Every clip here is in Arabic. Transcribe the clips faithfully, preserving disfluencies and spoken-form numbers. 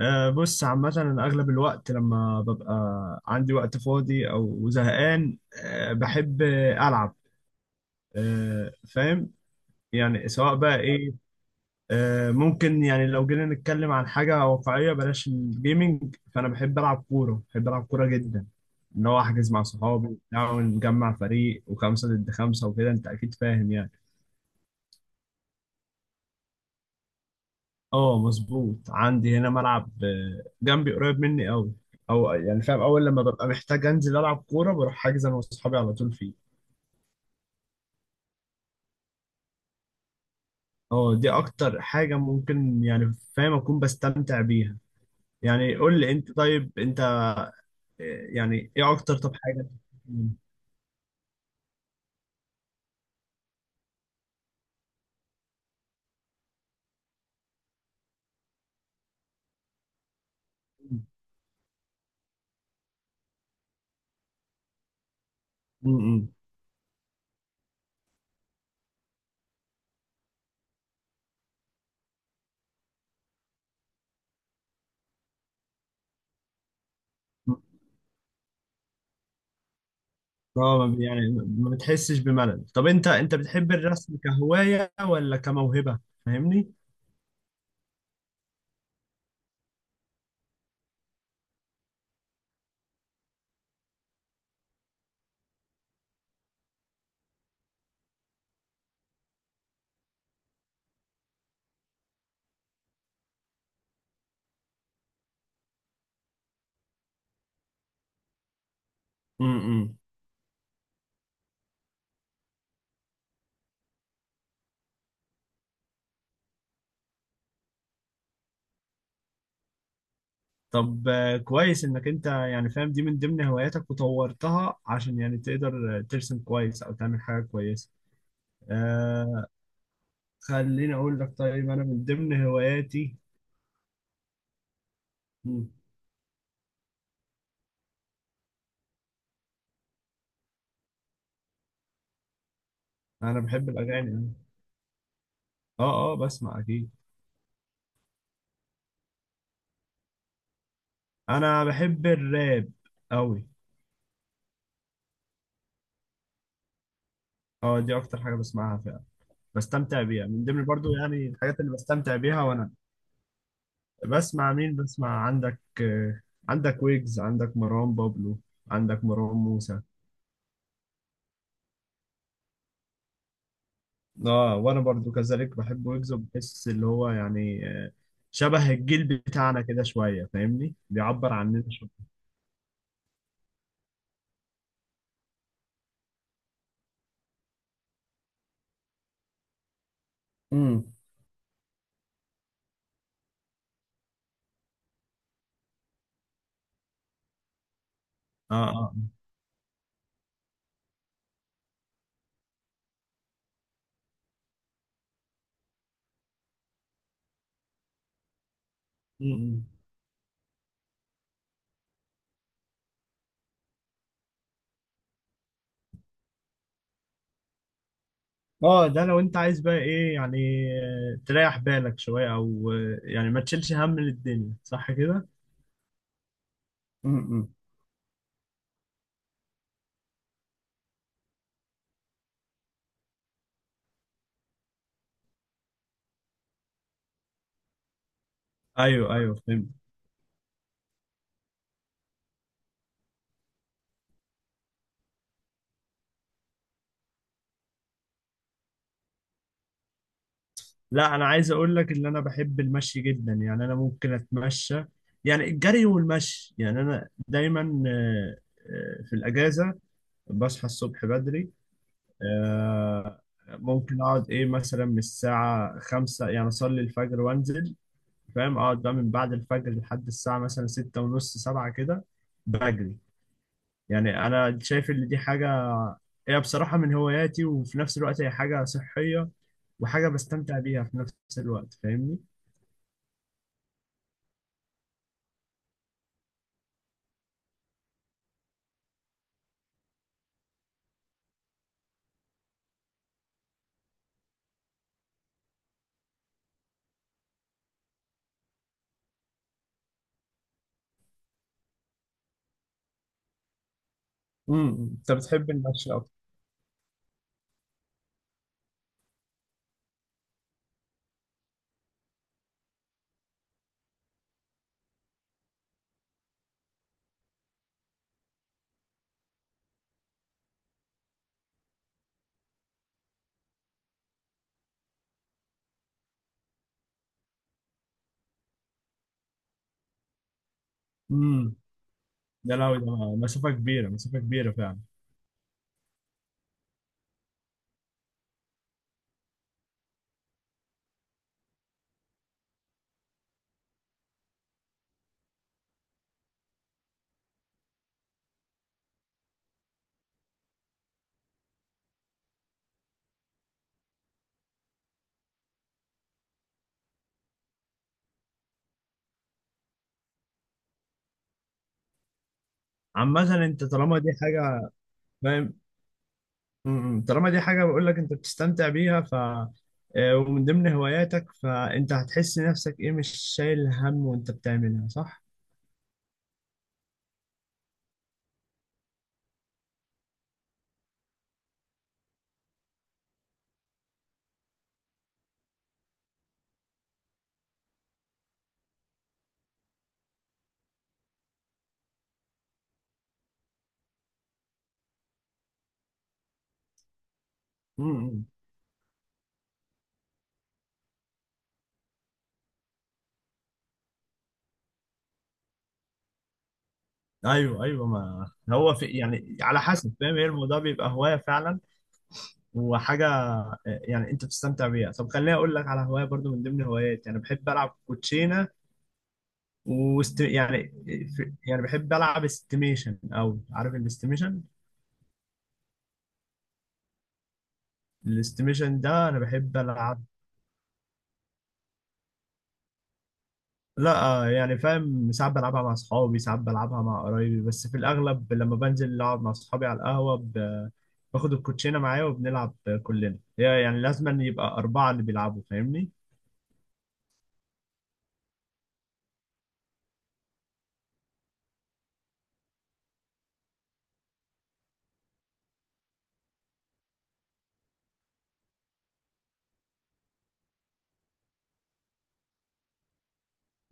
أه بص، عامة أنا أغلب الوقت لما ببقى عندي وقت فاضي أو زهقان أه بحب ألعب. أه، فاهم. يعني سواء بقى إيه. أه ممكن، يعني لو جينا نتكلم عن حاجة واقعية بلاش الجيمينج، فأنا بحب ألعب كورة، بحب ألعب كورة جدا. إن هو أحجز مع صحابي وبتاع ونجمع فريق وخمسة ضد خمسة وكده، أنت أكيد فاهم يعني. اه مظبوط. عندي هنا ملعب آه، جنبي، قريب مني قوي. او يعني فاهم، اول لما ببقى محتاج انزل العب كوره بروح حاجز انا واصحابي على طول فيه. اه دي اكتر حاجه ممكن يعني فاهم اكون بستمتع بيها. يعني قول لي انت، طيب انت آه، يعني ايه اكتر طب حاجه؟ امم. اه ما بي- يعني ما بتحسش بملل؟ طب انت، انت بتحب الرسم كهوايه ولا كموهبه؟ فاهمني؟ م- م. طب آه، كويس انك انت يعني فاهم دي من ضمن هواياتك وطورتها عشان يعني تقدر آه، ترسم كويس او تعمل حاجة كويسة. آه، خليني اقول لك، طيب انا من ضمن هواياتي. مم. انا بحب الاغاني أوي. اه اه، بسمع اكيد. انا بحب الراب قوي. اه دي اكتر حاجة بسمعها فعلا. بستمتع بيها، من ضمن برضو يعني الحاجات اللي بستمتع بيها وانا بسمع. مين بسمع؟ عندك آه، عندك ويجز، عندك مروان بابلو، عندك مروان موسى. اه وانا برضو كذلك بحب ويجز. بحس اللي هو يعني آه، شبه الجيل بتاعنا كده شويه، فاهمني؟ بيعبر عننا شويه. امم. اه اه. م- م. اه ده لو انت عايز بقى ايه يعني آه، تريح بالك شويه او آه، يعني ما تشيلش هم للدنيا، صح كده؟ امم. ايوه ايوه فهمت. لا، انا عايز اقول لك ان انا بحب المشي جدا، يعني انا ممكن اتمشى. يعني الجري والمشي، يعني انا دايما آه، آه، في الاجازه بصحى الصبح بدري. آه، ممكن اقعد ايه مثلا من الساعة خمسة، يعني اصلي الفجر وانزل. فاهم، اقعد بقى من بعد الفجر لحد الساعة مثلا ستة ونص سبعة كده بجري. يعني انا شايف ان دي حاجة، هي بصراحة من هواياتي وفي نفس الوقت هي حاجة صحية وحاجة بستمتع بيها في نفس الوقت، فاهمني؟ امم. انت بتحب المشي اكتر. امم. ده لو ده مسافة كبيرة، مسافة كبيرة فعلا. عامة انت طالما دي حاجة، فاهم. امم. طالما دي حاجة بقول لك انت بتستمتع بيها، ف آه، ومن ضمن هواياتك، فانت هتحس نفسك ايه مش شايل هم وانت بتعملها، صح؟ امم. ايوه ايوه. ما هو في يعني على حسب فاهم. هي الموضوع بيبقى هوايه فعلا وحاجه آه، يعني انت بتستمتع بيها. طب خليني اقول لك على هوايه برضو من ضمن هواياتي، انا بحب العب كوتشينه وست... يعني في... يعني بحب العب استيميشن، او عارف الاستيميشن؟ الاستيميشن ده انا بحب العب. لا آه، يعني فاهم، ساعات بلعبها مع اصحابي، ساعات بلعبها مع قرايبي، بس في الاغلب لما بنزل اقعد مع اصحابي على القهوه ب... باخد الكوتشينه معايا وبنلعب كلنا. هي يعني لازم أن يبقى اربعه اللي بيلعبوا، فاهمني؟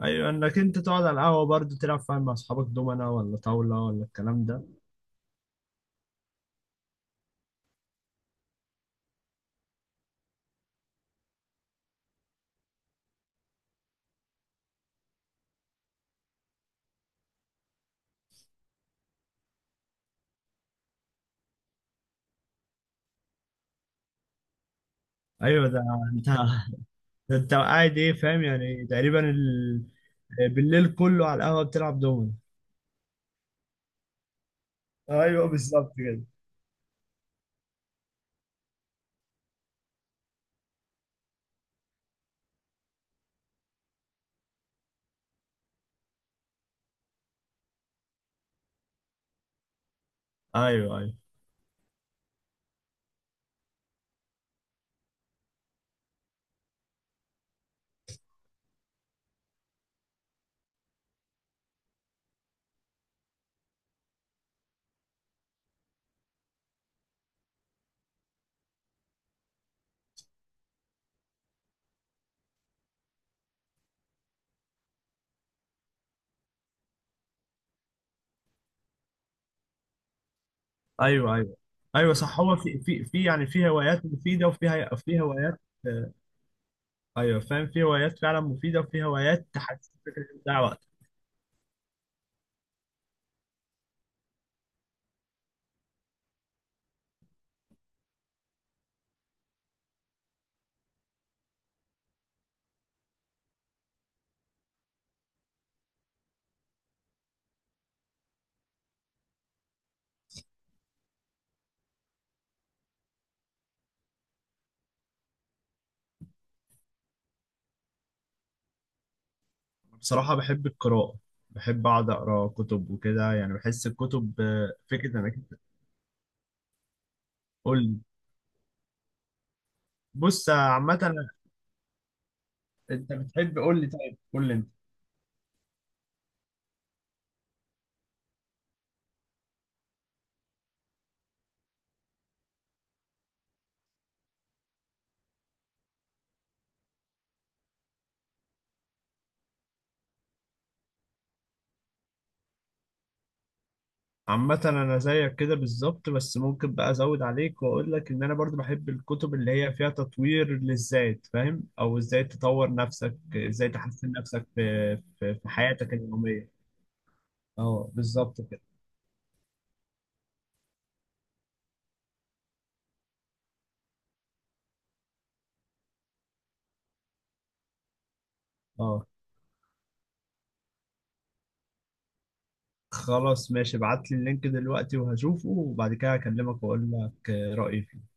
ايوه انك انت تقعد على القهوه برضه تلعب فاهم مع اصحابك دومنا ولا طاوله ولا الكلام ده. ايوه ده انت ده انت قاعد ايه فاهم يعني تقريبا ال... بالليل كله على القهوه بتلعب دومنا. ايوه بالظبط كده. ايوه ايوه ايوه. ايوه ايوه صح. هو في في في يعني في هوايات مفيده وفي في هوايات آه، ايوه فاهم، في هوايات فعلا مفيده وفي هوايات تحسسك ان انت بتضيع وقت. أنا بصراحه بحب القراءه، بحب اقعد اقرا كتب وكده. يعني بحس الكتب آه، فكره انك أنت- قول لي. بص آه، عامه. انت بتحب، قول لي، طيب قول لي انت. عامة أنا زيك كده بالظبط، بس ممكن بقى أزود عليك وأقول لك إن أنا برضو بحب الكتب اللي هي فيها تطوير للذات، فاهم؟ أو إزاي تطور نفسك، إزاي تحسن نفسك في في, في حياتك اليومية. أه بالظبط كده. أه خلاص ماشي، ابعت لي اللينك دلوقتي وهشوفه وبعد كده هكلمك وأقول لك رأيي فيه.